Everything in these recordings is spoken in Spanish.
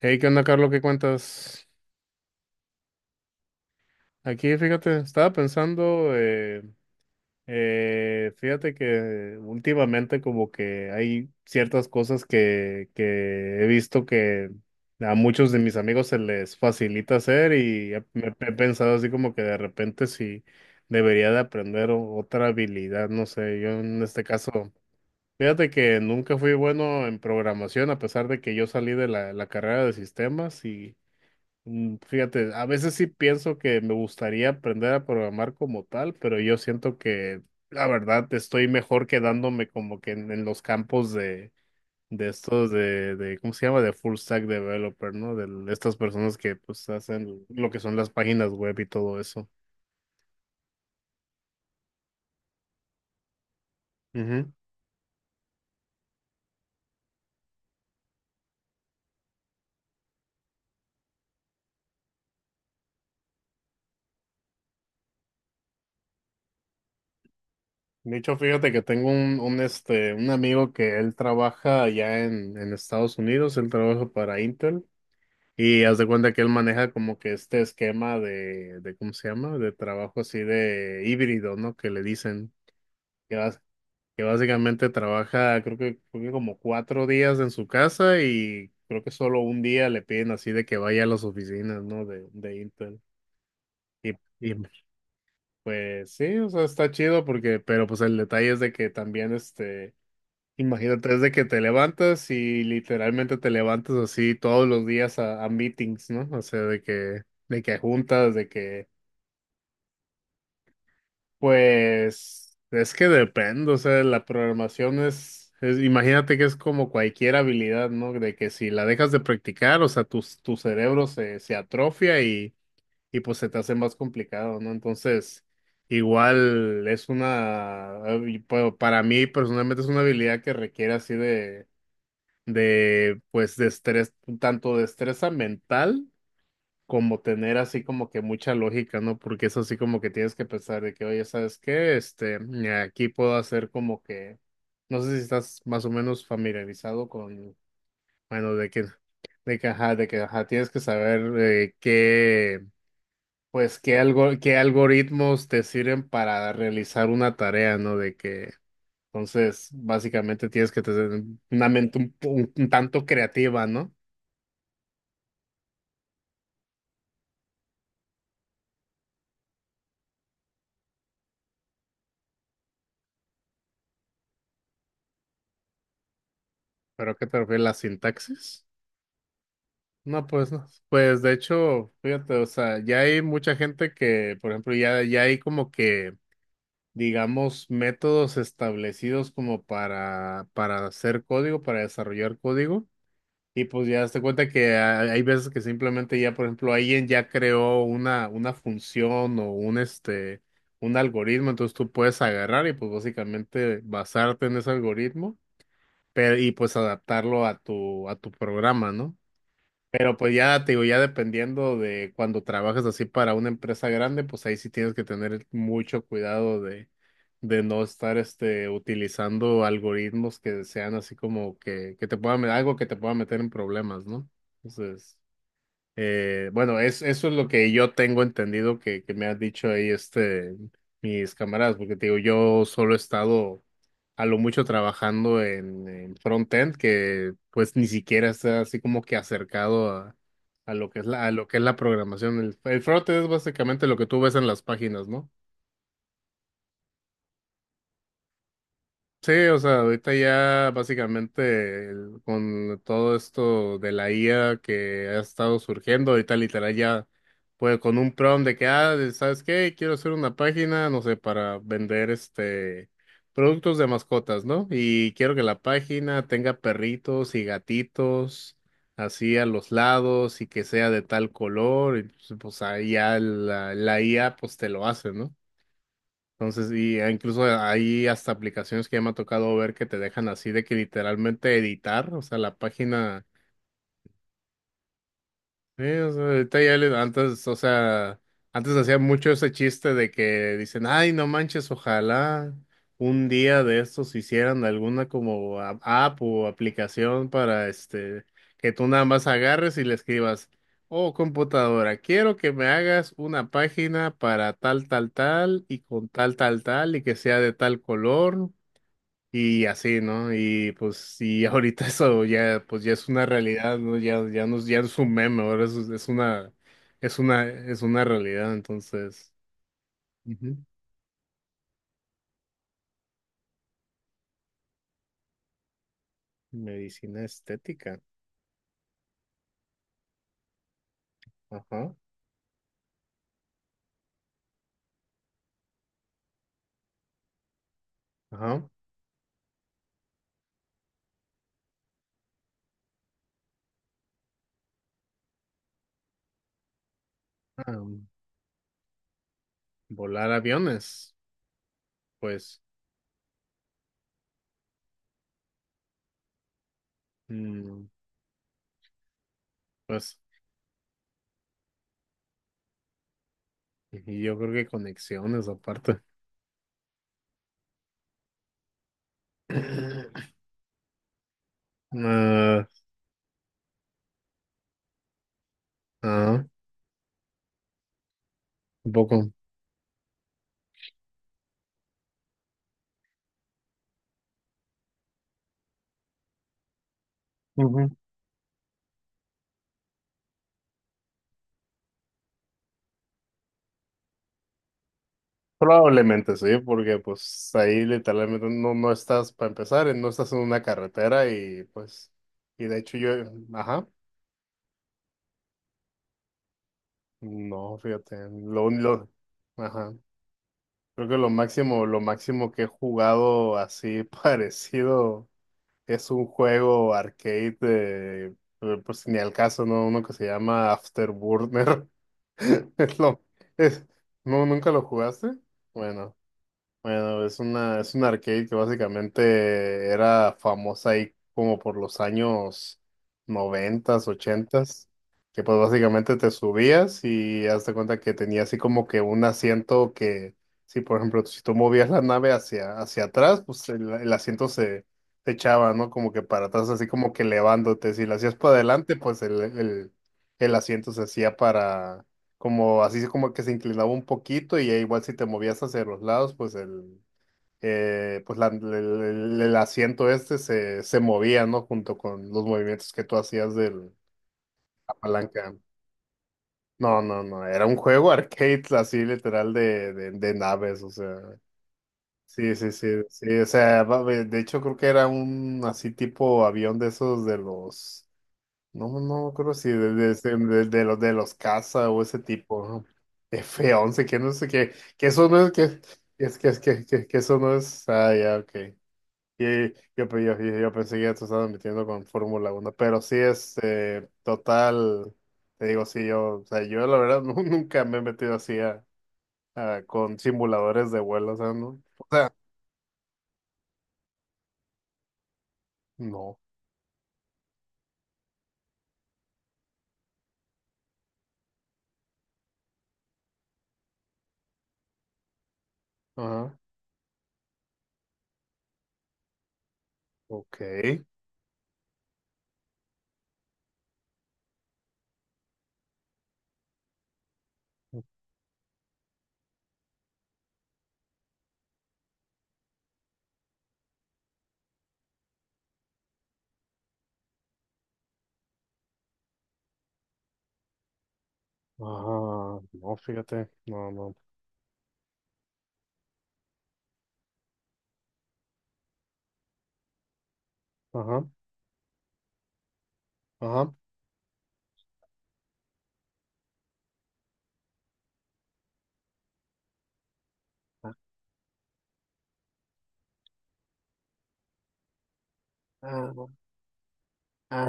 Hey, ¿qué onda, Carlos? ¿Qué cuentas? Aquí, fíjate, estaba pensando, fíjate que últimamente como que hay ciertas cosas que he visto que a muchos de mis amigos se les facilita hacer y he pensado así como que de repente si debería de aprender otra habilidad, no sé, yo en este caso, fíjate que nunca fui bueno en programación a pesar de que yo salí de la carrera de sistemas y. Fíjate, a veces sí pienso que me gustaría aprender a programar como tal, pero yo siento que la verdad estoy mejor quedándome como que en los campos de estos ¿cómo se llama? De full stack developer, ¿no? De estas personas que pues hacen lo que son las páginas web y todo eso. Ujú. De hecho, fíjate que tengo un amigo que él trabaja allá en Estados Unidos, él trabaja para Intel. Y haz de cuenta que él maneja como que este esquema de ¿cómo se llama? De trabajo así de híbrido, ¿no? Que le dicen que, bas- que básicamente trabaja, creo que como 4 días en su casa y creo que solo un día le piden así de que vaya a las oficinas, ¿no? De Intel. Y, y pues sí, o sea, está chido porque, pero pues el detalle es de que también este... Imagínate, desde que te levantas y literalmente te levantas así todos los días a meetings, ¿no? O sea, de que juntas, de que, pues, es que depende, o sea, la programación es, imagínate que es como cualquier habilidad, ¿no? De que si la dejas de practicar, o sea, tu cerebro se atrofia y pues se te hace más complicado, ¿no? Entonces, igual es una, y, pues, para mí personalmente es una habilidad que requiere así de pues de estrés, tanto destreza mental como tener así como que mucha lógica, ¿no? Porque es así como que tienes que pensar de que, oye, ¿sabes qué? Aquí puedo hacer como que, no sé si estás más o menos familiarizado con, bueno, de que, ajá, tienes que saber qué, pues, qué algoritmos te sirven para realizar una tarea, ¿no? De que, entonces, básicamente tienes que tener una mente un tanto creativa, ¿no? ¿Pero a qué te refieres la sintaxis? No, pues no. Pues de hecho, fíjate, o sea, ya hay mucha gente que, por ejemplo, ya, ya hay como que, digamos, métodos establecidos como para hacer código, para desarrollar código. Y pues ya te cuenta que hay veces que simplemente ya, por ejemplo, alguien ya creó una función o un algoritmo, entonces tú puedes agarrar y pues básicamente basarte en ese algoritmo, pero y pues adaptarlo a tu programa, ¿no? Pero pues ya te digo, ya dependiendo de cuando trabajas así para una empresa grande, pues ahí sí tienes que tener mucho cuidado de no estar utilizando algoritmos que sean así como que te puedan, algo que te pueda meter en problemas, ¿no? Entonces. Bueno, eso es lo que yo tengo entendido que me han dicho ahí mis camaradas, porque te digo, yo solo he estado a lo mucho trabajando en frontend, que pues ni siquiera está así como que acercado a lo que es la, a lo que es la programación. El frontend es básicamente lo que tú ves en las páginas, ¿no? Sí, o sea, ahorita ya básicamente con todo esto de la IA que ha estado surgiendo, ahorita literal ya, pues con un prompt de que, ah, de- ¿sabes qué? Quiero hacer una página, no sé, para vender productos de mascotas, ¿no? Y quiero que la página tenga perritos y gatitos así a los lados y que sea de tal color, y pues, pues ahí ya la IA pues te lo hace, ¿no? Entonces, y incluso hay hasta aplicaciones que ya me ha tocado ver que te dejan así de que literalmente editar, o sea, la página. Sí, o sea, ahorita ya antes, o sea, antes hacía mucho ese chiste de que dicen, ay, no manches, ojalá un día de estos hicieran alguna como app o aplicación para este, que tú nada más agarres y le escribas, oh, computadora, quiero que me hagas una página para tal, tal, tal y con tal, tal, tal y que sea de tal color. Y así, ¿no? Y pues, y ahorita eso ya, pues ya es una realidad, ¿no? Ya, ya no, ya no es un meme, ahora es una realidad, entonces. Ujú. Medicina estética. Ajá, ajá. Am, volar aviones. Pues, mm, pues, y yo creo que conexiones aparte. Ah, ah, un poco. Probablemente sí, porque pues ahí literalmente no, no estás, para empezar, no estás en una carretera y pues, y de hecho yo, ajá, no, fíjate, ajá, creo que lo máximo que he jugado así parecido es un juego arcade, de, pero, pues ni al caso, ¿no? Uno que se llama Afterburner, es lo, es, no, ¿nunca lo jugaste? Bueno. Bueno, es un arcade que básicamente era famosa ahí como por los años noventas, ochentas, que pues básicamente te subías y hazte cuenta que tenía así como que un asiento que, si por ejemplo, si tú movías la nave hacia, hacia atrás, pues el asiento se echaba, ¿no? Como que para atrás, así como que elevándote. Si lo hacías para adelante, pues el asiento se hacía como así como que se inclinaba un poquito y ya igual si te movías hacia los lados, pues el, pues la- el asiento este se movía, ¿no? Junto con los movimientos que tú hacías de la palanca. No, no, no, era un juego arcade así literal de, de naves, o sea. Sí, sí, sí, sí, o sea, de hecho creo que era un así tipo avión de esos de los. No, no, creo si de, de los casa o ese tipo, ¿no? F11 que no sé qué, que eso no es, que es que es que eso no es, ah, ya, ok. Y yo, yo pensé que ya te estabas metiendo con F1 pero sí, este, total, te digo, sí, yo, o sea, yo la verdad nunca me he metido así a, con simuladores de vuelo, o sea, no, ajá, ok, ajá, no, fíjate, no, no, ajá, ajá. Ah, ah,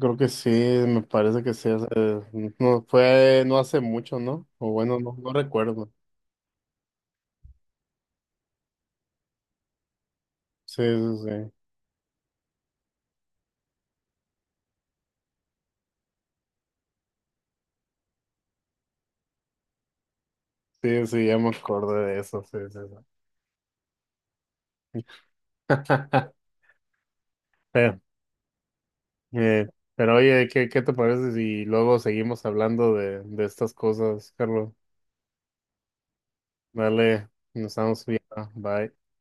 creo que sí, me parece que sí. O sea, no fue, no hace mucho, ¿no? O bueno, no, no recuerdo. Sí, sí, sí. Sí, sí, ya me acordé de eso. Sí, sí, sí. Pero, eh, pero oye, ¿qué te parece si luego seguimos hablando de estas cosas, Carlos? Dale, nos estamos viendo. Bye.